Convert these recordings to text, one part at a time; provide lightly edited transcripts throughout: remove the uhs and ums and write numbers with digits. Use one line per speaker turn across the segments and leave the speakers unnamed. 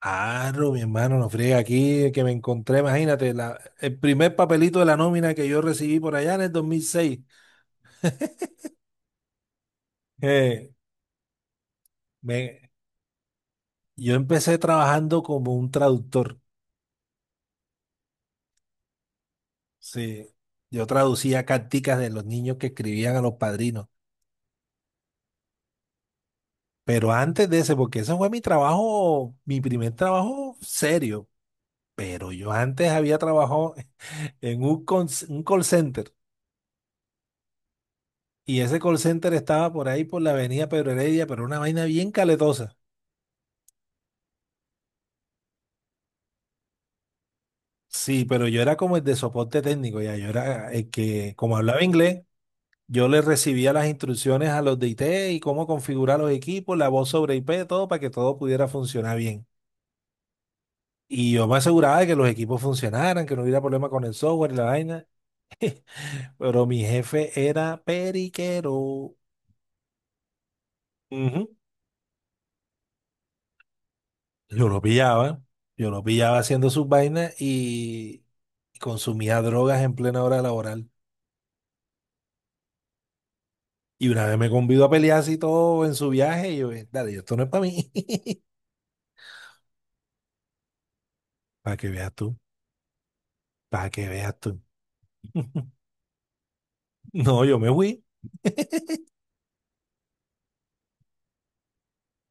Claro, mi hermano, no friega aquí, que me encontré, imagínate, el primer papelito de la nómina que yo recibí por allá en el 2006. Eh, me- yo empecé trabajando como un traductor, sí. Yo traducía carticas de los niños que escribían a los padrinos, pero antes de ese, porque ese fue mi trabajo, mi primer trabajo serio, pero yo antes había trabajado en un call center, y ese call center estaba por ahí por la avenida Pedro Heredia, pero una vaina bien caletosa. Sí, pero yo era como el de soporte técnico, ya, yo era el que, como hablaba inglés, yo le recibía las instrucciones a los de IT y cómo configurar los equipos, la voz sobre IP, todo para que todo pudiera funcionar bien. Y yo me aseguraba de que los equipos funcionaran, que no hubiera problema con el software y la vaina, pero mi jefe era periquero. Ujú. Yo lo pillaba, yo lo pillaba haciendo sus vainas y consumía drogas en plena hora laboral. Y una vez me convidó a pelear así todo en su viaje, y yo, dale, yo, esto no es para mí. Para que veas tú, para que veas tú. No, yo me fui.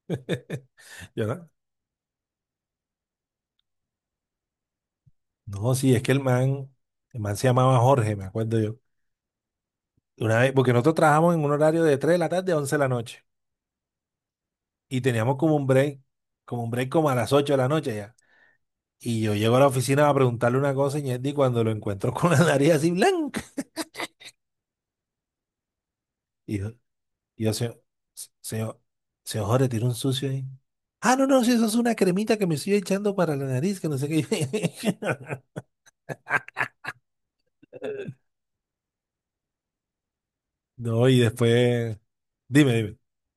Yo, no, no, sí, es que el man se llamaba Jorge, me acuerdo yo. Una vez, porque nosotros trabajamos en un horario de 3 de la tarde a 11 de la noche. Y teníamos como un break, como un break como a las 8 de la noche ya. Y yo llego a la oficina a preguntarle una cosa, y Ñetti, cuando lo encuentro con la nariz así blanca. Y yo, Y yo, se, se, se ojore, tiró un sucio ahí. Ah, si eso es una cremita que me estoy echando para la nariz, que no sé qué. No, y después. Dime, dime.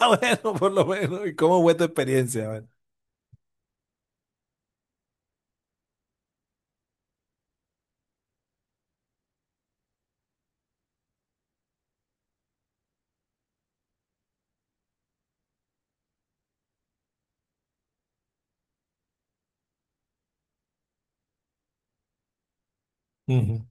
Ah, bueno, por lo menos. ¿Y cómo fue tu experiencia? A ver. Ujú.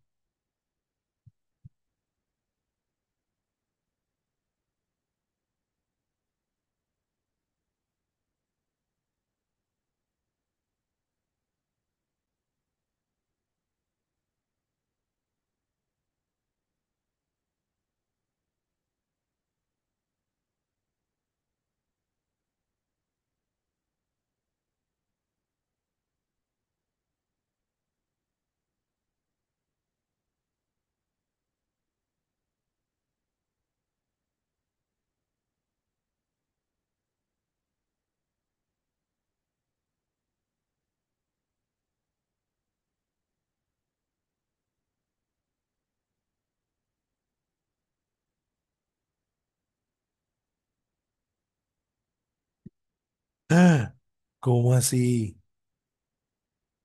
Ah, ¿cómo así?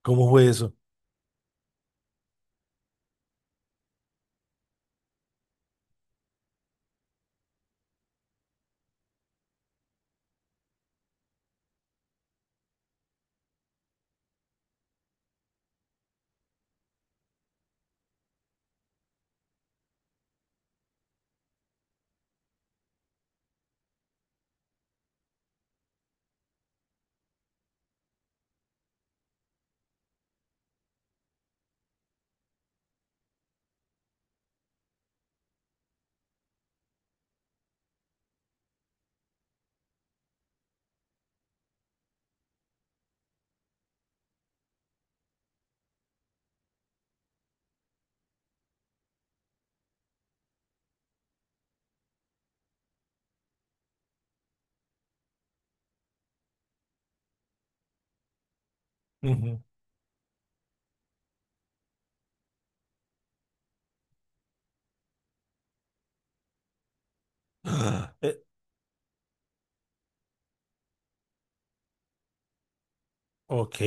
¿Cómo fue eso? Ujú. Ah, ok.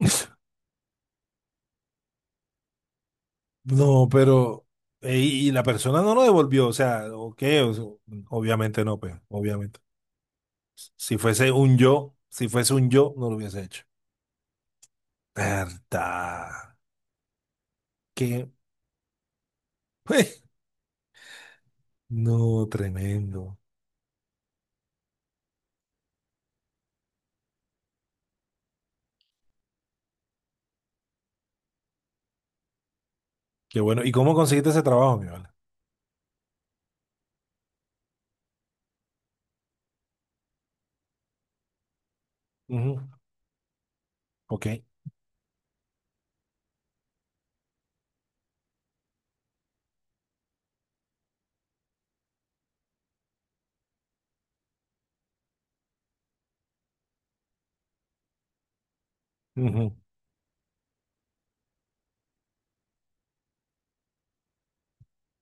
No, pero y la persona no lo devolvió, o sea, ok, o sea, obviamente no, pues, obviamente. Si fuese un yo, si fuese un yo, no lo hubiese hecho. ¿Verdad? Qué. No, tremendo. Qué bueno. ¿Y cómo conseguiste ese trabajo, mi vale? Ujú. Ok. Ujú.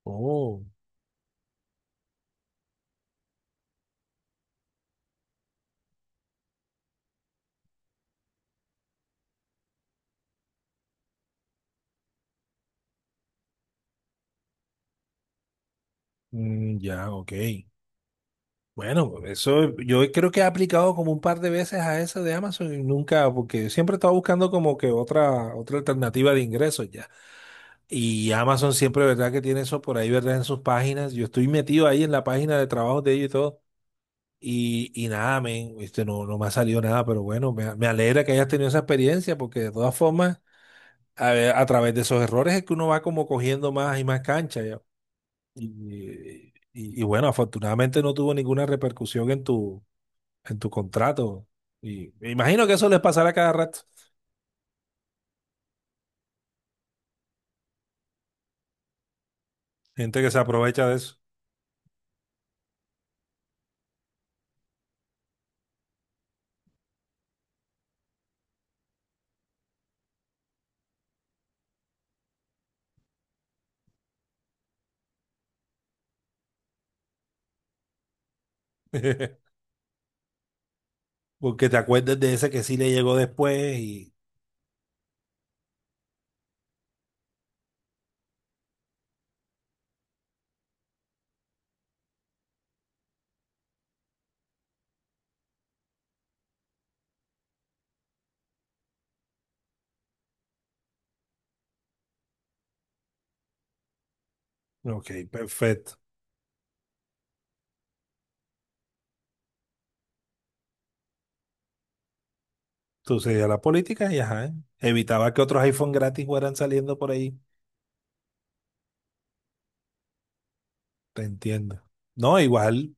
Oh. Mm, ya, ok. Bueno, eso yo creo que he aplicado como un par de veces a eso de Amazon y nunca, porque siempre estaba buscando como que otra alternativa de ingresos ya. Y Amazon siempre, ¿verdad? Que tiene eso por ahí, ¿verdad? En sus páginas. Yo estoy metido ahí en la página de trabajo de ellos y todo. Y nada, men, este, no me ha salido nada, pero bueno, me alegra que hayas tenido esa experiencia, porque de todas formas, a ver, a través de esos errores es que uno va como cogiendo más y más cancha, ya. Y bueno, afortunadamente no tuvo ninguna repercusión en tu contrato. Y me imagino que eso les pasará cada rato. Gente que se aprovecha de eso. Porque te acuerdes de ese que sí le llegó después y... Ok, perfecto. Tú seguías la política y ajá, evitaba que otros iPhone gratis fueran saliendo por ahí. Te entiendo. No, igual,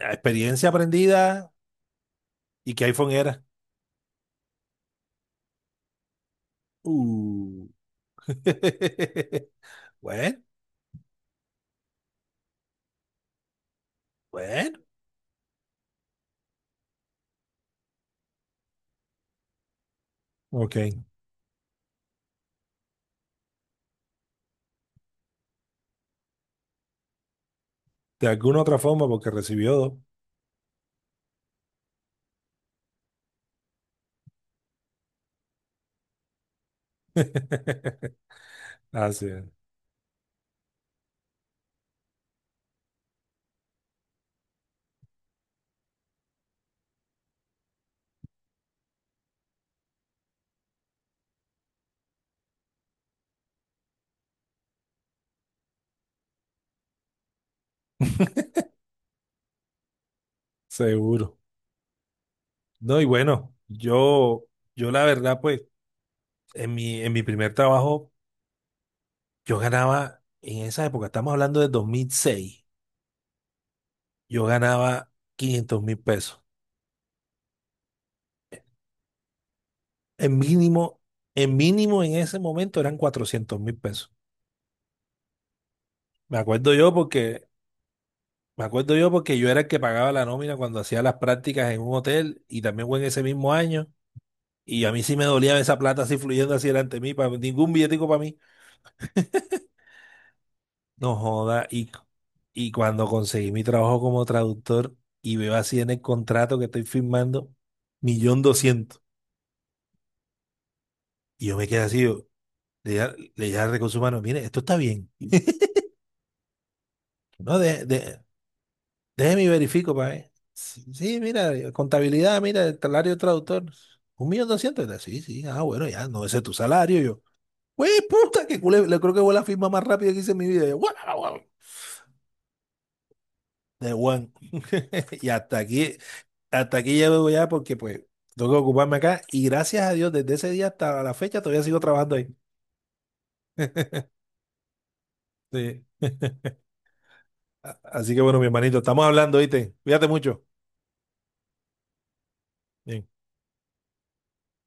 experiencia aprendida, y qué iPhone era. Uh. Bueno, bueno. Ok. De alguna otra forma, porque recibió dos. Así es, seguro. No, y bueno, yo la verdad, pues, en mi primer trabajo, yo ganaba, en esa época, estamos hablando de 2006, yo ganaba 500.000 pesos. En mínimo, en mínimo en ese momento eran 400.000 pesos. Me acuerdo yo porque, me acuerdo yo porque yo era el que pagaba la nómina cuando hacía las prácticas en un hotel, y también fue en ese mismo año. Y a mí sí me dolía esa plata así fluyendo así delante de mí, para ningún billetico para mí. No joda. Y cuando conseguí mi trabajo como traductor y veo así en el contrato que estoy firmando, 1.200.000. Y yo me quedé así, yo, le dije al recurso humano, mire, esto está bien. No, de- Déjeme y verifico para ver. Sí, sí, mira, contabilidad, mira, el salario de traductor. 1.200.000. Sí, sí, ah, bueno, ya, no, ese es tu salario. Yo, güey, puta, que culé, le creo que fue la firma más rápida que hice en mi vida. Yo, "Guau, guau, guau", de one. Y hasta aquí llego ya porque, pues, tengo que ocuparme acá. Y gracias a Dios, desde ese día hasta la fecha todavía sigo trabajando ahí. Sí. A- Así que bueno, mi hermanito, estamos hablando, ¿viste? Cuídate mucho. Bien.